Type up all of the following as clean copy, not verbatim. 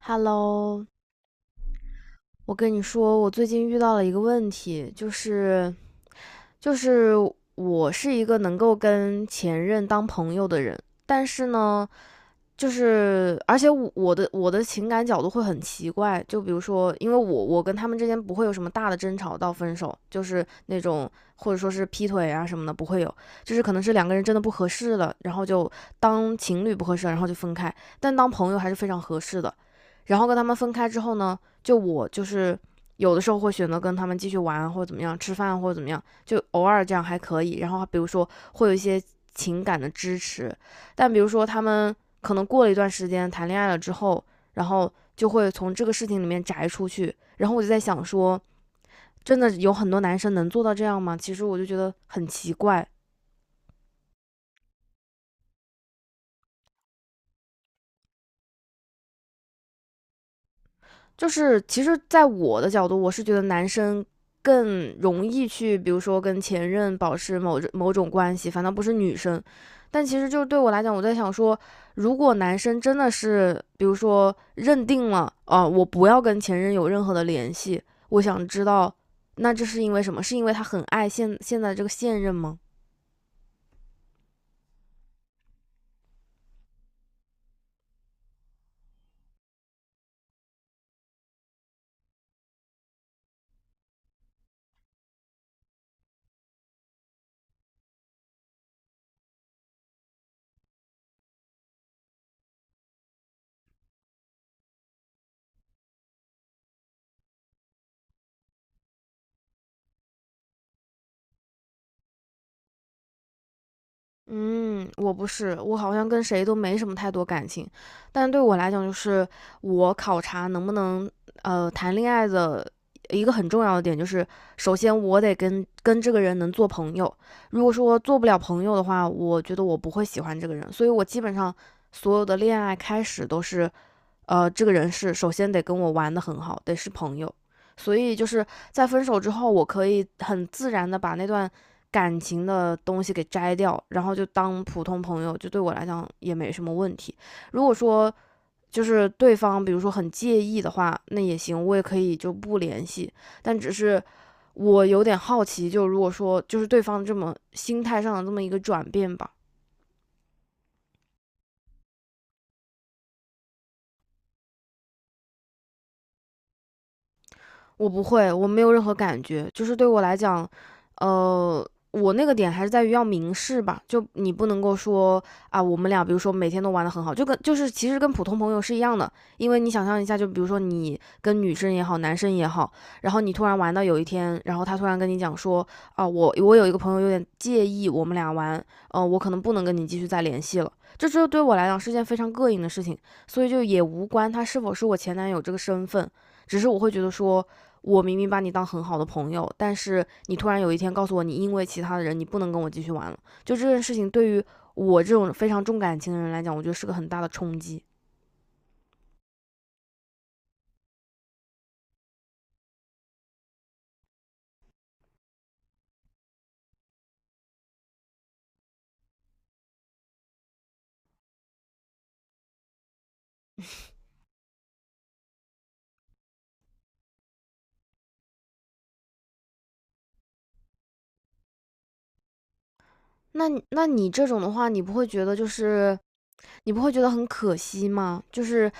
Hello，我跟你说，我最近遇到了一个问题，就是我是一个能够跟前任当朋友的人，但是呢，而且我的情感角度会很奇怪，就比如说，因为我跟他们之间不会有什么大的争吵到分手，就是那种或者说是劈腿啊什么的不会有，就是可能是两个人真的不合适了，然后就当情侣不合适了然后就分开，但当朋友还是非常合适的。然后跟他们分开之后呢，就我就是有的时候会选择跟他们继续玩或者怎么样，吃饭或者怎么样，就偶尔这样还可以。然后比如说会有一些情感的支持，但比如说他们可能过了一段时间谈恋爱了之后，然后就会从这个事情里面摘出去。然后我就在想说，真的有很多男生能做到这样吗？其实我就觉得很奇怪，就是其实，在我的角度，我是觉得男生更容易去，比如说跟前任保持某某种关系，反倒不是女生。但其实就是对我来讲，我在想说，如果男生真的是，比如说认定了，我不要跟前任有任何的联系，我想知道，那这是因为什么？是因为他很爱现在这个现任吗？嗯，我不是，我好像跟谁都没什么太多感情，但对我来讲，就是我考察能不能谈恋爱的一个很重要的点，就是首先我得跟这个人能做朋友。如果说做不了朋友的话，我觉得我不会喜欢这个人，所以我基本上所有的恋爱开始都是这个人是首先得跟我玩的很好，得是朋友。所以就是在分手之后，我可以很自然的把那段感情的东西给摘掉，然后就当普通朋友，就对我来讲也没什么问题。如果说就是对方比如说很介意的话，那也行，我也可以就不联系。但只是我有点好奇，就如果说就是对方这么心态上的这么一个转变吧，我不会，我没有任何感觉，就是对我来讲，我那个点还是在于要明示吧，就你不能够说啊，我们俩比如说每天都玩的很好，就跟就是其实跟普通朋友是一样的，因为你想象一下，就比如说你跟女生也好，男生也好，然后你突然玩到有一天，然后他突然跟你讲说啊，我有一个朋友有点介意我们俩玩，我可能不能跟你继续再联系了，这就对我来讲是件非常膈应的事情，所以就也无关他是否是我前男友这个身份，只是我会觉得说。我明明把你当很好的朋友，但是你突然有一天告诉我，你因为其他的人，你不能跟我继续玩了。就这件事情，对于我这种非常重感情的人来讲，我觉得是个很大的冲击。那那你这种的话，你不会觉得就是你不会觉得很可惜吗？就是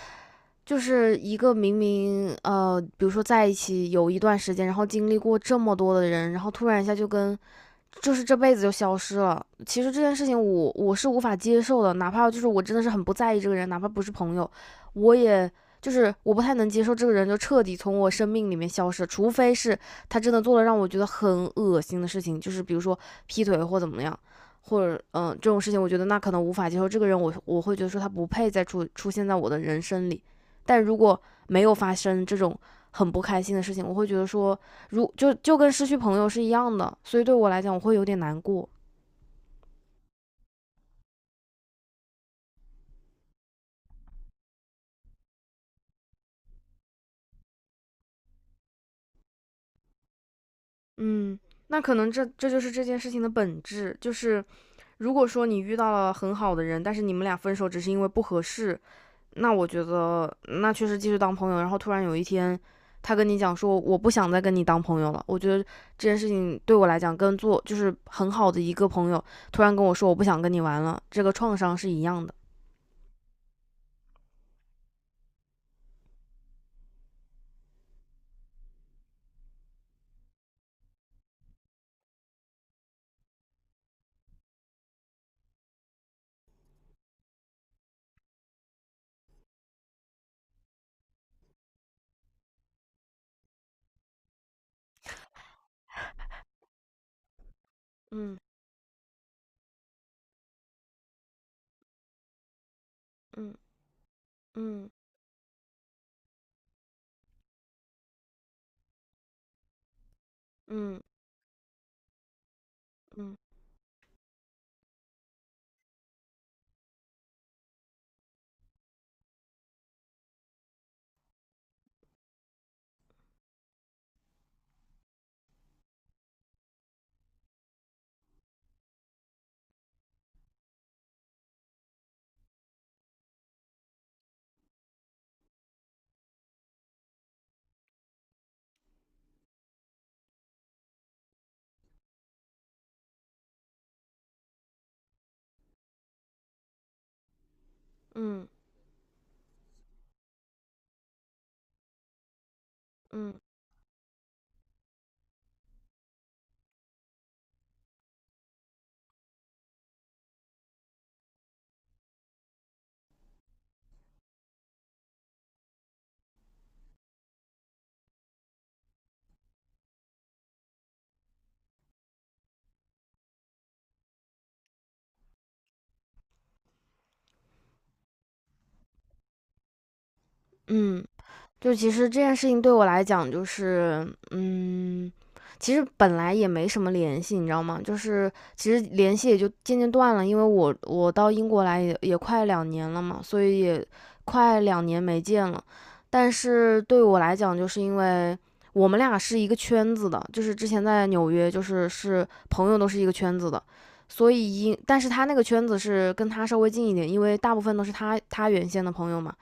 就是一个明明比如说在一起有一段时间，然后经历过这么多的人，然后突然一下就跟就是这辈子就消失了。其实这件事情我是无法接受的，哪怕就是我真的是很不在意这个人，哪怕不是朋友，我也就是我不太能接受这个人就彻底从我生命里面消失，除非是他真的做了让我觉得很恶心的事情，就是比如说劈腿或怎么样，或者这种事情，我觉得那可能无法接受。这个人我会觉得说他不配再出现在我的人生里。但如果没有发生这种很不开心的事情，我会觉得说就就跟失去朋友是一样的，所以对我来讲，我会有点难过。嗯，那可能这就是这件事情的本质，就是如果说你遇到了很好的人，但是你们俩分手只是因为不合适，那我觉得那确实继续当朋友。然后突然有一天，他跟你讲说我不想再跟你当朋友了，我觉得这件事情对我来讲跟做就是很好的一个朋友突然跟我说我不想跟你玩了，这个创伤是一样的。嗯嗯，嗯嗯，嗯嗯嗯。嗯。嗯嗯嗯，就其实这件事情对我来讲，就是嗯，其实本来也没什么联系，你知道吗？就是其实联系也就渐渐断了，因为我到英国来也也快两年了嘛，所以也快两年没见了。但是对我来讲，就是因为我们俩是一个圈子的，就是之前在纽约，就是是朋友都是一个圈子的，所以因但是他那个圈子是跟他稍微近一点，因为大部分都是他原先的朋友嘛。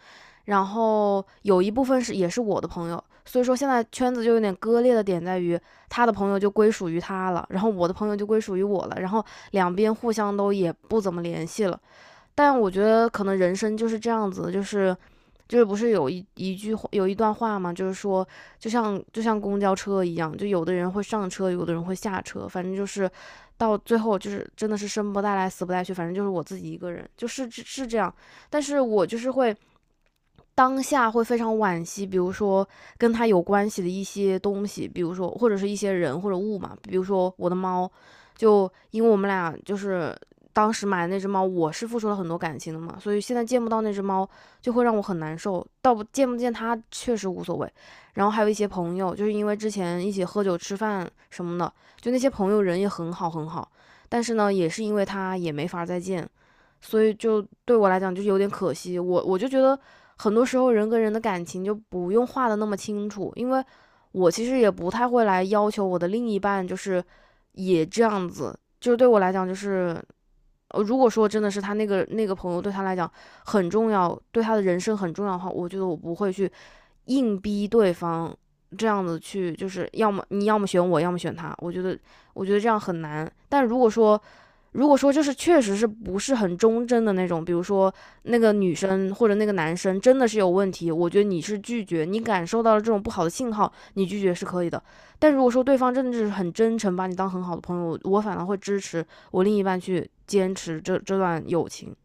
然后有一部分是也是我的朋友，所以说现在圈子就有点割裂的点在于，他的朋友就归属于他了，然后我的朋友就归属于我了，然后两边互相都也不怎么联系了。但我觉得可能人生就是这样子，就是就是不是有一句话有一段话嘛，就是说就像公交车一样，就有的人会上车，有的人会下车，反正就是到最后就是真的是生不带来死不带去，反正就是我自己一个人，就是是这样。但是我就是会。当下会非常惋惜，比如说跟他有关系的一些东西，比如说或者是一些人或者物嘛，比如说我的猫，就因为我们俩就是当时买的那只猫，我是付出了很多感情的嘛，所以现在见不到那只猫就会让我很难受，倒不见它确实无所谓。然后还有一些朋友，就是因为之前一起喝酒吃饭什么的，就那些朋友人也很好很好，但是呢，也是因为他也没法再见，所以就对我来讲就有点可惜。我就觉得很多时候人跟人的感情就不用画的那么清楚，因为我其实也不太会来要求我的另一半就是也这样子。就是对我来讲，就是如果说真的是他那个朋友对他来讲很重要，对他的人生很重要的话，我觉得我不会去硬逼对方这样子去，就是要么你要么选我，要么选他。我觉得，我觉得这样很难。但如果说，如果说就是确实是不是很忠贞的那种，比如说那个女生或者那个男生真的是有问题，我觉得你是拒绝，你感受到了这种不好的信号，你拒绝是可以的。但如果说对方真的是很真诚，把你当很好的朋友，我反而会支持我另一半去坚持这段友情。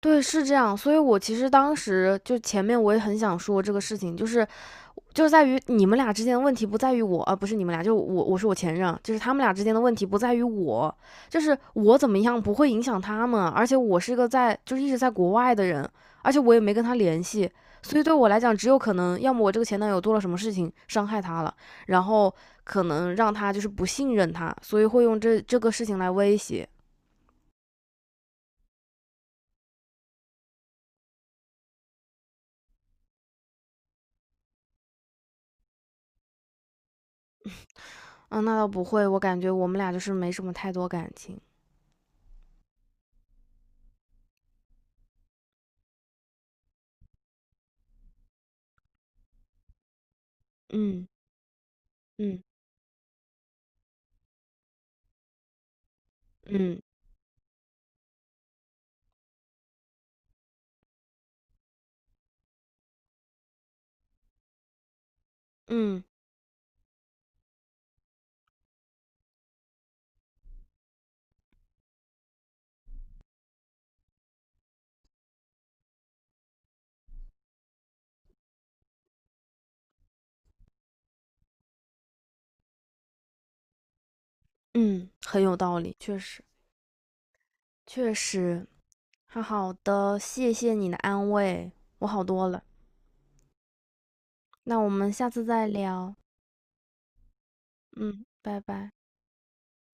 对，是这样。所以我其实当时就前面我也很想说这个事情，就是就是在于你们俩之间的问题不在于我，不是你们俩，就我，我是我前任，就是他们俩之间的问题不在于我，就是我怎么样不会影响他们，而且我是一个在就是一直在国外的人，而且我也没跟他联系，所以对我来讲，只有可能要么我这个前男友做了什么事情伤害他了，然后可能让他就是不信任他，所以会用这个事情来威胁。嗯，那倒不会，我感觉我们俩就是没什么太多感情。嗯嗯，嗯嗯嗯，很有道理，确实。确实，好好的，谢谢你的安慰，我好多了。那我们下次再聊，嗯，拜拜。